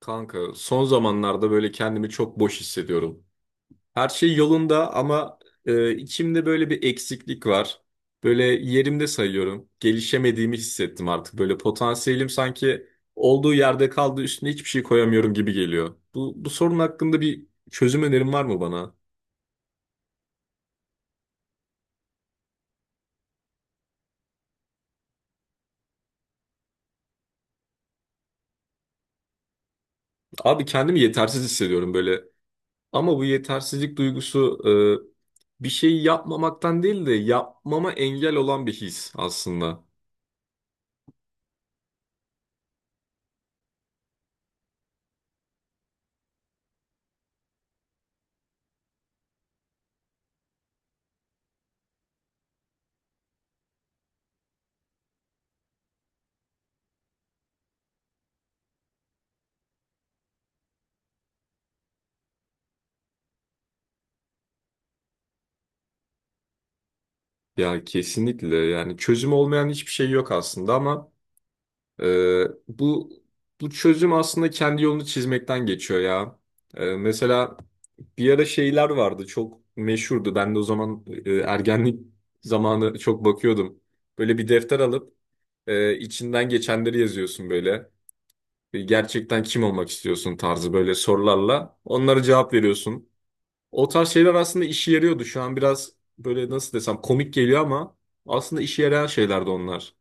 Kanka son zamanlarda böyle kendimi çok boş hissediyorum. Her şey yolunda ama içimde böyle bir eksiklik var. Böyle yerimde sayıyorum. Gelişemediğimi hissettim artık. Böyle potansiyelim sanki olduğu yerde kaldı üstüne hiçbir şey koyamıyorum gibi geliyor. Bu sorun hakkında bir çözüm önerin var mı bana? Abi kendimi yetersiz hissediyorum böyle. Ama bu yetersizlik duygusu bir şey yapmamaktan değil de yapmama engel olan bir his aslında. Ya kesinlikle yani çözüm olmayan hiçbir şey yok aslında ama e, bu bu çözüm aslında kendi yolunu çizmekten geçiyor ya. Mesela bir ara şeyler vardı çok meşhurdu. Ben de o zaman ergenlik zamanı çok bakıyordum. Böyle bir defter alıp içinden geçenleri yazıyorsun böyle. Gerçekten kim olmak istiyorsun tarzı böyle sorularla. Onlara cevap veriyorsun. O tarz şeyler aslında işe yarıyordu. Şu an biraz böyle nasıl desem komik geliyor ama aslında işe yarayan şeylerdi onlar.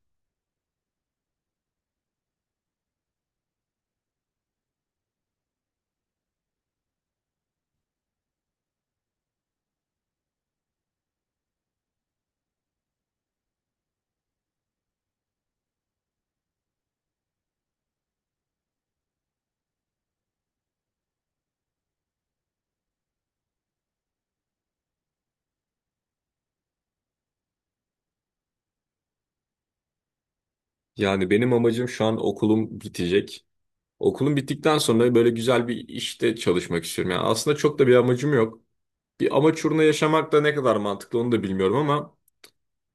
Yani benim amacım şu an okulum bitecek. Okulum bittikten sonra böyle güzel bir işte çalışmak istiyorum. Yani aslında çok da bir amacım yok. Bir amaç uğruna yaşamak da ne kadar mantıklı onu da bilmiyorum ama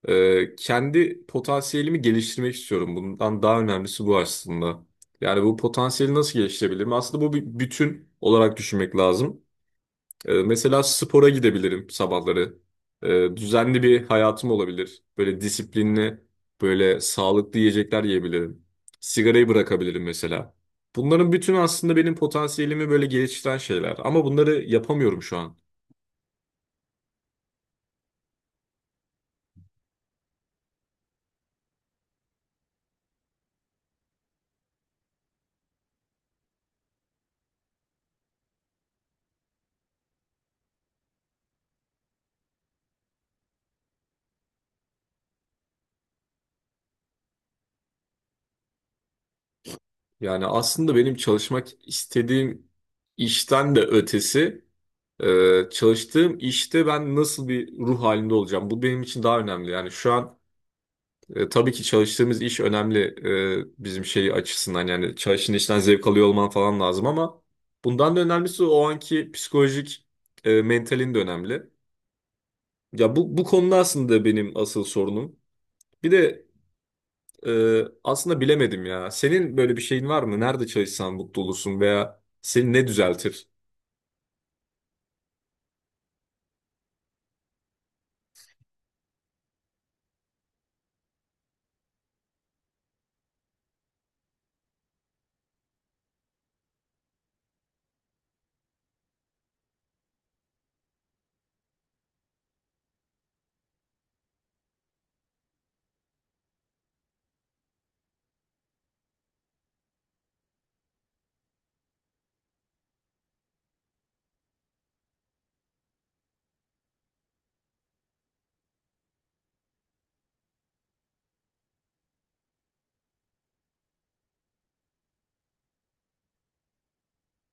kendi potansiyelimi geliştirmek istiyorum. Bundan daha önemlisi bu aslında. Yani bu potansiyeli nasıl geliştirebilirim? Aslında bu bir bütün olarak düşünmek lazım. Mesela spora gidebilirim sabahları. Düzenli bir hayatım olabilir. Böyle disiplinli, böyle sağlıklı yiyecekler yiyebilirim. Sigarayı bırakabilirim mesela. Bunların bütün aslında benim potansiyelimi böyle geliştiren şeyler. Ama bunları yapamıyorum şu an. Yani aslında benim çalışmak istediğim işten de ötesi. Çalıştığım işte ben nasıl bir ruh halinde olacağım? Bu benim için daha önemli. Yani şu an tabii ki çalıştığımız iş önemli bizim şey açısından. Yani çalıştığın işten zevk alıyor olman falan lazım ama bundan da önemlisi o anki psikolojik mentalin de önemli. Ya bu konuda aslında benim asıl sorunum. Bir de aslında bilemedim ya. Senin böyle bir şeyin var mı? Nerede çalışsan mutlu olursun veya seni ne düzeltir?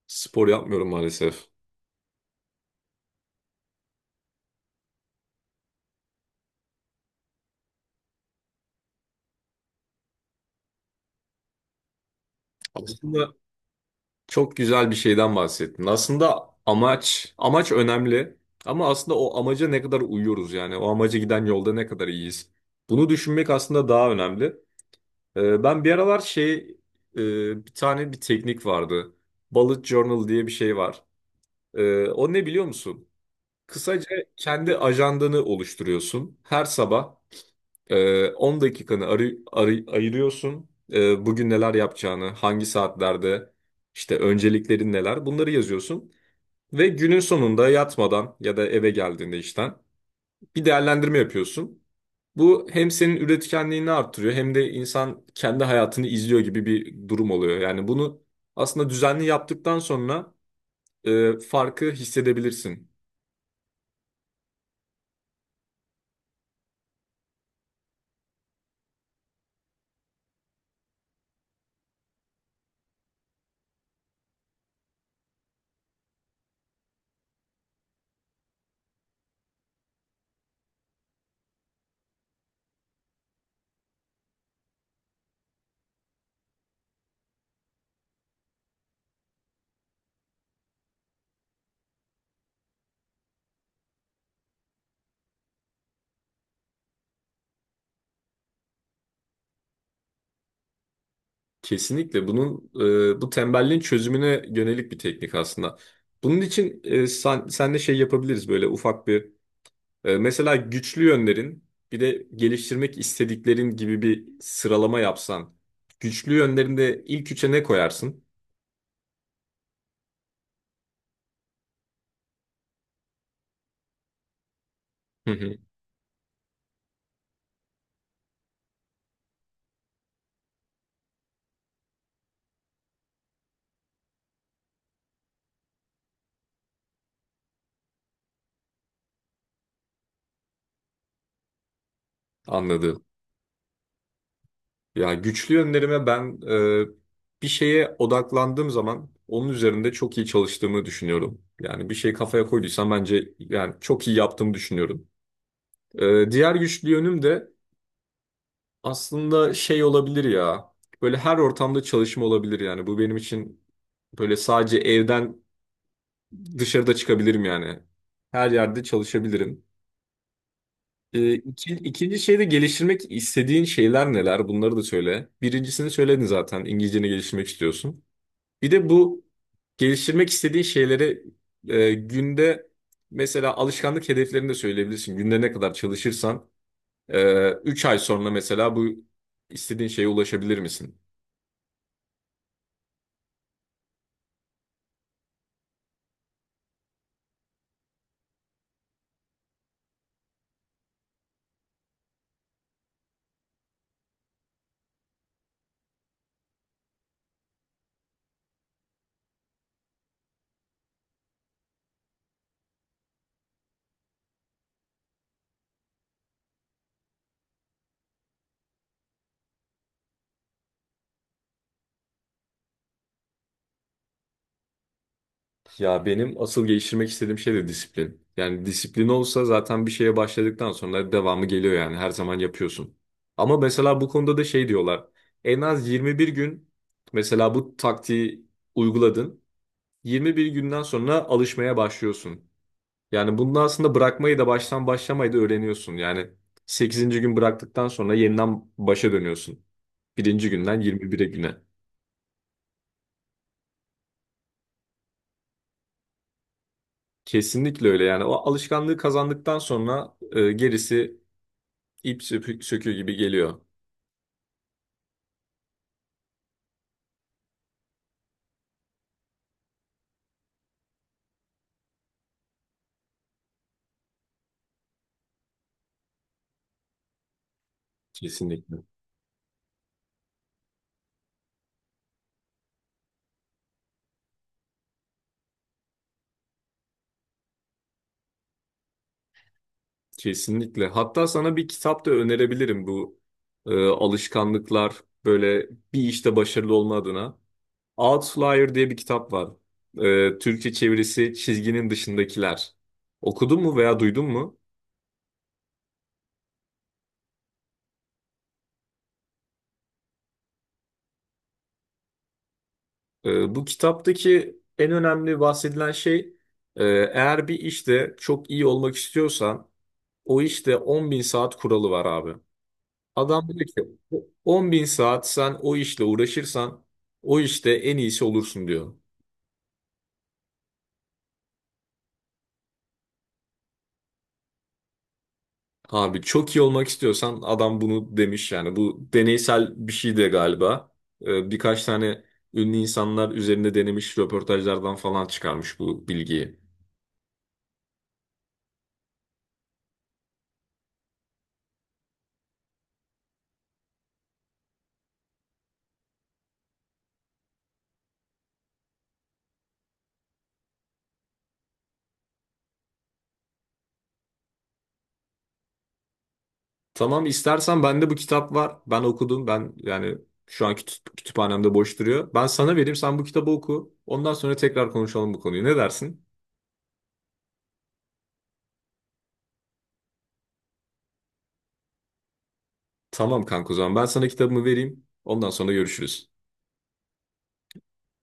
Spor yapmıyorum maalesef. Aslında, çok güzel bir şeyden bahsettin. Aslında amaç, amaç önemli. Ama aslında o amaca ne kadar uyuyoruz yani. O amaca giden yolda ne kadar iyiyiz. Bunu düşünmek aslında daha önemli. Ben bir aralar şey, bir tane bir teknik vardı. Bullet Journal diye bir şey var. O ne biliyor musun? Kısaca kendi ajandanı oluşturuyorsun. Her sabah 10 dakikanı ayırıyorsun. Bugün neler yapacağını, hangi saatlerde, işte önceliklerin neler, bunları yazıyorsun. Ve günün sonunda yatmadan ya da eve geldiğinde işten bir değerlendirme yapıyorsun. Bu hem senin üretkenliğini arttırıyor hem de insan kendi hayatını izliyor gibi bir durum oluyor. Yani bunu aslında düzenli yaptıktan sonra farkı hissedebilirsin. Kesinlikle bunun bu tembelliğin çözümüne yönelik bir teknik aslında. Bunun için sen de şey yapabiliriz böyle ufak bir mesela güçlü yönlerin bir de geliştirmek istediklerin gibi bir sıralama yapsan. Güçlü yönlerinde ilk üçe ne koyarsın? Hı hı. Anladım. Ya güçlü yönlerime ben bir şeye odaklandığım zaman onun üzerinde çok iyi çalıştığımı düşünüyorum. Yani bir şey kafaya koyduysam bence yani çok iyi yaptığımı düşünüyorum. Diğer güçlü yönüm de aslında şey olabilir ya. Böyle her ortamda çalışma olabilir yani. Bu benim için böyle sadece evden dışarıda çıkabilirim yani. Her yerde çalışabilirim. İki- ikinci şey geliştirmek istediğin şeyler neler? Bunları da söyle. Birincisini söyledin zaten. İngilizceni geliştirmek istiyorsun. Bir de bu geliştirmek istediğin şeyleri günde mesela alışkanlık hedeflerini de söyleyebilirsin. Günde ne kadar çalışırsan 3 ay sonra mesela bu istediğin şeye ulaşabilir misin? Ya benim asıl geliştirmek istediğim şey de disiplin. Yani disiplin olsa zaten bir şeye başladıktan sonra devamı geliyor yani her zaman yapıyorsun. Ama mesela bu konuda da şey diyorlar. En az 21 gün mesela bu taktiği uyguladın. 21 günden sonra alışmaya başlıyorsun. Yani bunu aslında bırakmayı da baştan başlamayı da öğreniyorsun. Yani sekizinci gün bıraktıktan sonra yeniden başa dönüyorsun. Birinci günden 21'e güne. Kesinlikle öyle yani o alışkanlığı kazandıktan sonra gerisi İp söküğü gibi geliyor. Kesinlikle. Kesinlikle. Hatta sana bir kitap da önerebilirim bu alışkanlıklar böyle bir işte başarılı olma adına. Outlier diye bir kitap var. Türkçe çevirisi Çizginin Dışındakiler. Okudun mu veya duydun mu? Bu kitaptaki en önemli bahsedilen şey eğer bir işte çok iyi olmak istiyorsan o işte 10 bin saat kuralı var abi. Adam diyor ki 10 bin saat sen o işle uğraşırsan o işte en iyisi olursun diyor. Abi çok iyi olmak istiyorsan adam bunu demiş yani bu deneysel bir şey de galiba. Birkaç tane ünlü insanlar üzerinde denemiş röportajlardan falan çıkarmış bu bilgiyi. Tamam istersen bende bu kitap var. Ben okudum. Ben yani şu an kütüphanemde boş duruyor. Ben sana vereyim sen bu kitabı oku. Ondan sonra tekrar konuşalım bu konuyu. Ne dersin? Tamam kanka o zaman ben sana kitabımı vereyim. Ondan sonra görüşürüz.